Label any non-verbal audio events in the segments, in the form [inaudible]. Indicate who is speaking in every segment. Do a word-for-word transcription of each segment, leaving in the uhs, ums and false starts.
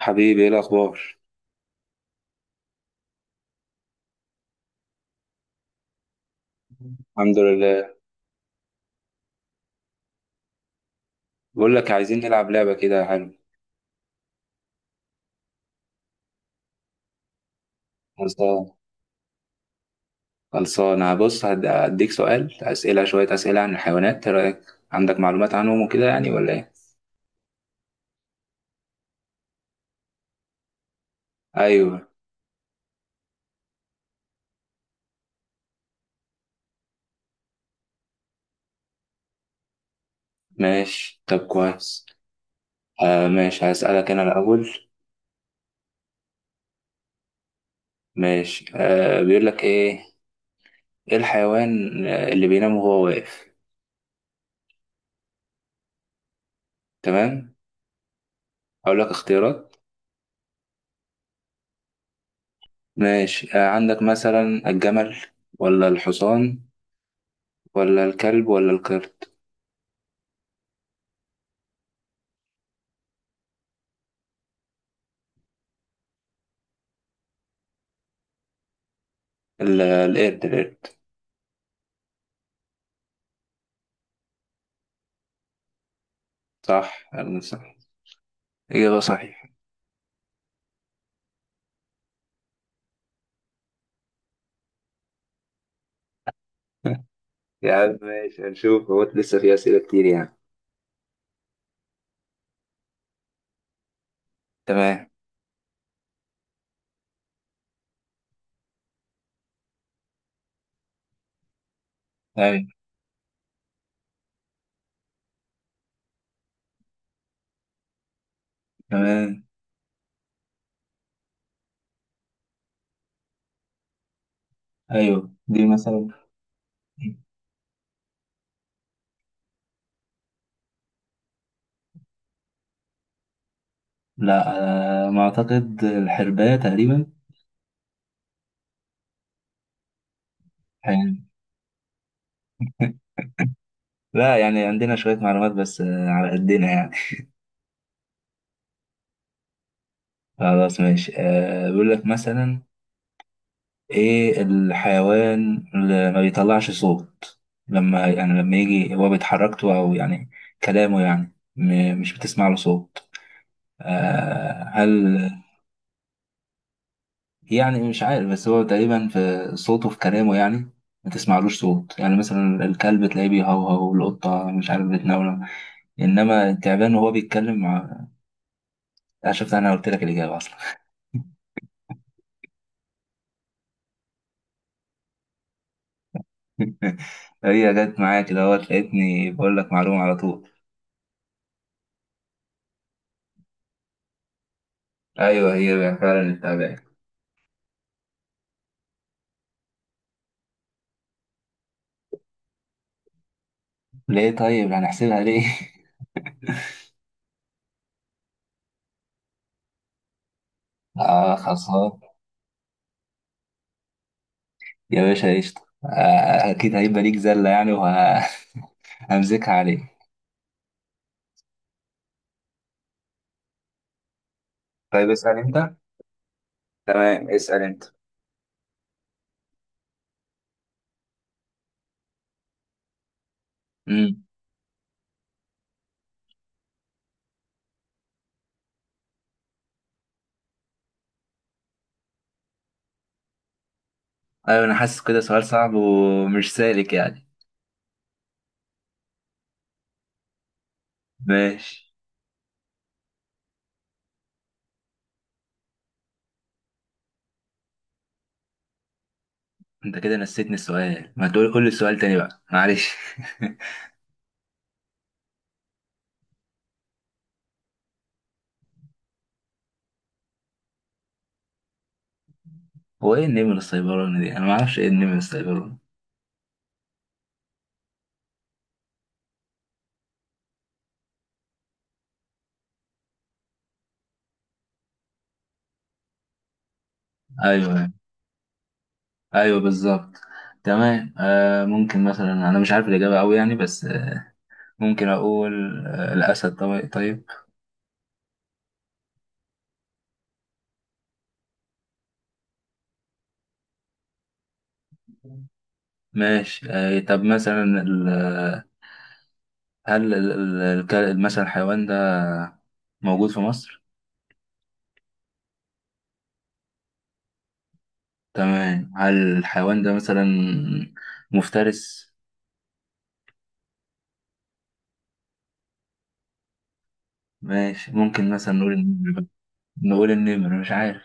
Speaker 1: حبيبي، ايه الاخبار؟ الحمد لله. بقول لك، عايزين نلعب لعبه كده. حلو. خلصان. خلصان، أنا بص، هد- هديك سؤال، اسئله شويه اسئله عن الحيوانات. ايه رايك؟ عندك معلومات عنهم وكده يعني ولا ايه؟ ايوه. ماشي طب كويس. آه، ماشي. هسالك انا الاول. ماشي. آه، بيقول لك ايه؟ ايه الحيوان اللي بينام وهو واقف؟ تمام. اقول لك اختيارات. ماشي. آه، عندك مثلا الجمل ولا الحصان ولا الكلب ولا القرد؟ ال- القرد القرد. صح؟ أنا صح؟ إجابة صحيحة. [laughs] يا عم ماشي، هنشوف هو لسه في أسئلة كتير يعني. تمام. أيوة. تمام. أيوه دي مثلا. لا. آه، ما أعتقد الحرباية تقريبا. يعني. [laughs] لا يعني عندنا شوية معلومات، بس آه، على قدنا يعني. خلاص ماشي، آه، بيقول لك مثلا: إيه الحيوان اللي ما بيطلعش صوت لما، يعني لما يجي، هو بيتحركته أو يعني كلامه، يعني م- مش بتسمع له صوت. آه، هل يعني مش عارف، بس هو تقريبا في صوته في كلامه يعني ما تسمعلوش صوت. يعني مثلا الكلب تلاقيه بيهوهو، والقطة مش عارف بتنونو، إنما التعبان وهو بيتكلم مع... أنا شفت، أنا قلت لك الإجابة أصلا. [laughs] هي جت معايا كده، هو لقيتني بقول لك معلومة على طول. أيوه، هي فعلا التعبان. ليه طيب هنحسبها ليه؟ [laughs] آه، خلصان يا باشا، قشطة. آه أكيد هيبقى ليك زلة يعني، وهمسكها [laughs] عليك. طيب اسأل أنت. تمام اسأل أنت. ايوه، انا حاسس كده سؤال صعب ومش سالك يعني. ماشي. انت كده نسيتني السؤال، ما تقول قول لي السؤال تاني بقى، معلش. [laughs] هو ايه النمر السيبراني دي؟ انا ما اعرفش ايه النمر السيبراني. ايوه ايوه بالظبط. تمام. آه ممكن مثلا، انا مش عارف الاجابه قوي يعني، بس آه، ممكن اقول آه الاسد طبعا. طيب ماشي. آه طب مثلا ال- هل ال- ال- الك- مثلا الحيوان ده موجود في مصر؟ تمام. هل الحيوان ده مثلا مفترس؟ ماشي، ممكن مثلا نقول النمر بقى. نقول النمر، مش عارف.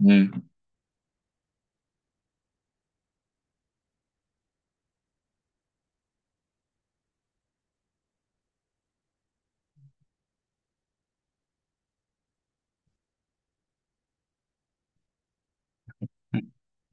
Speaker 1: مم.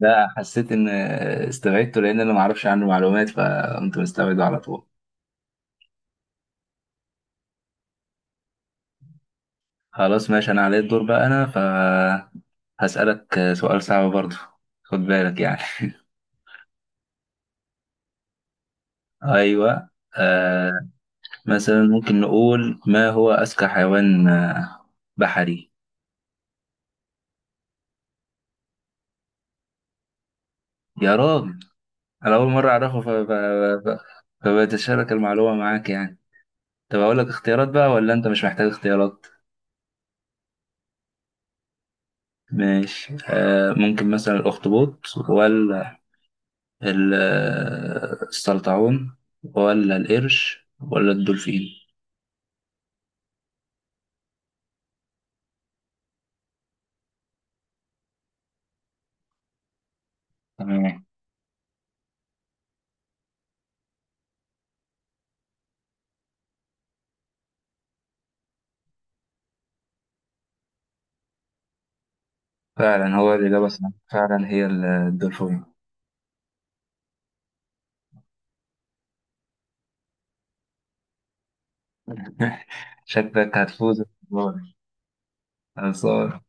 Speaker 1: ده حسيت ان استبعدته، لان انا ما اعرفش عنه معلومات، فقمت مستبعده على طول. خلاص ماشي، انا عليا الدور بقى، انا فهسألك سؤال صعب برضه. خد بالك يعني. [laughs] ايوه. آه مثلا ممكن نقول ما هو اذكى حيوان آه، بحري؟ يا راجل، انا اول مره اعرفه ف... ف... ف... فبتشارك المعلومه معاك يعني. طب اقول لك اختيارات بقى ولا انت مش محتاج اختيارات؟ ماشي. آه ممكن مثلا الأخطبوط ولا ال- آه، السلطعون ولا القرش ولا الدولفين؟ تمام. فعلا هو الإجابة صح، فعلا هي ال- الدولفين. [laughs] شكلك هتفوز المرة دي. خلصان.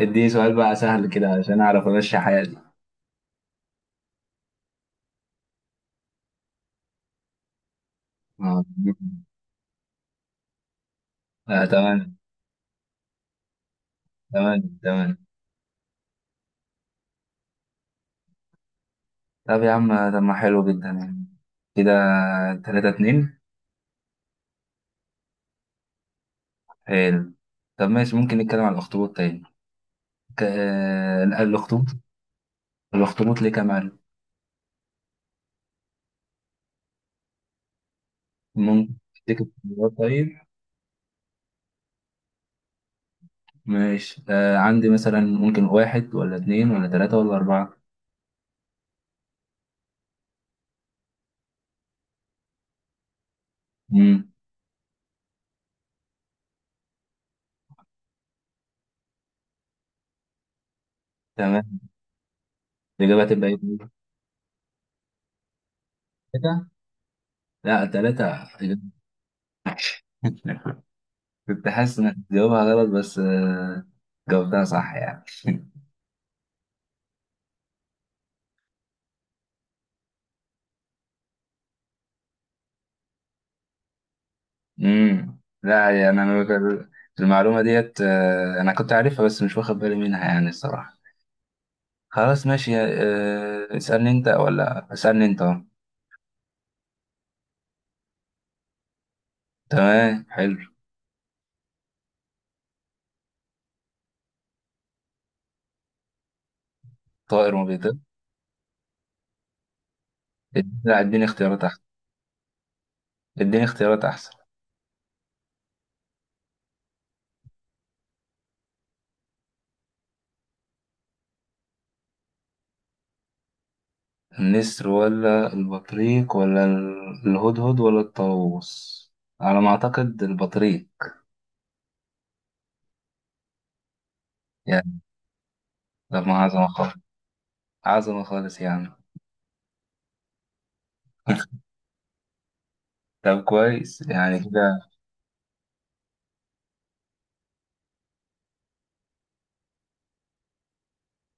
Speaker 1: اديني سؤال بقى سهل كده عشان أعرف أمشي حياتي. آه. آه، تمام تمام تمام. طب يا عم طب، ما حلو جدا يعني كده. تلاتة اتنين. حلو. طب ماشي، ممكن نتكلم على الأخطبوط تاني. ك- آه، الأخطبوط. الاخطبوط ليه كام علبة؟ ممكن تفتكر الخيارات طيب. ماشي. آه عندي مثلا، ممكن واحد ولا اتنين ولا تلاتة ولا أربعة؟ مم. تمام. الإجابة هتبقى إيه؟ تلاتة؟ لا تلاتة. [laughs] كنت حاسس إنك تجاوبها غلط، بس آه جاوبتها صح يعني. مم. لا يعني أنا بك- المعلومة ديت آه أنا كنت عارفها، بس مش واخد بالي منها يعني، الصراحة. خلاص ماشي. آه اسألني أنت ولا اسألني أنت؟ تمام حلو. طائر ما بيطيرش. لا، اديني اختيارات احسن. اديني اختيارات احسن. النسر ولا البطريق ولا ال- الهدهد ولا الطاووس؟ على ما اعتقد البطريق. يعني. طب ما عظمة خالص. عظمة خالص يعني. [laughs] طب كويس يعني كده.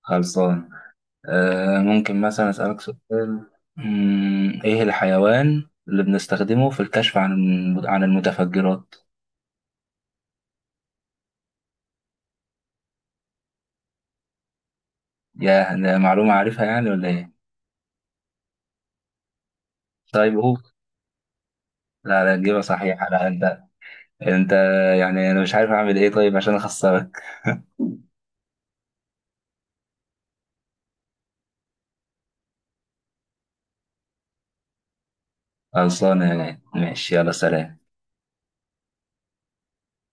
Speaker 1: خلصان. آه ممكن مثلا اسألك سؤال. مم، ايه الحيوان اللي بنستخدمه في الكشف عن الم- عن المتفجرات؟ يا، ده معلومة عارفها يعني ولا ايه؟ طيب قول. لا لا، إجابة صحيحة. لا أنت، انت يعني. انا مش عارف اعمل ايه طيب عشان اخسرك. خلصانه يعني. ماشي يلا، سلام.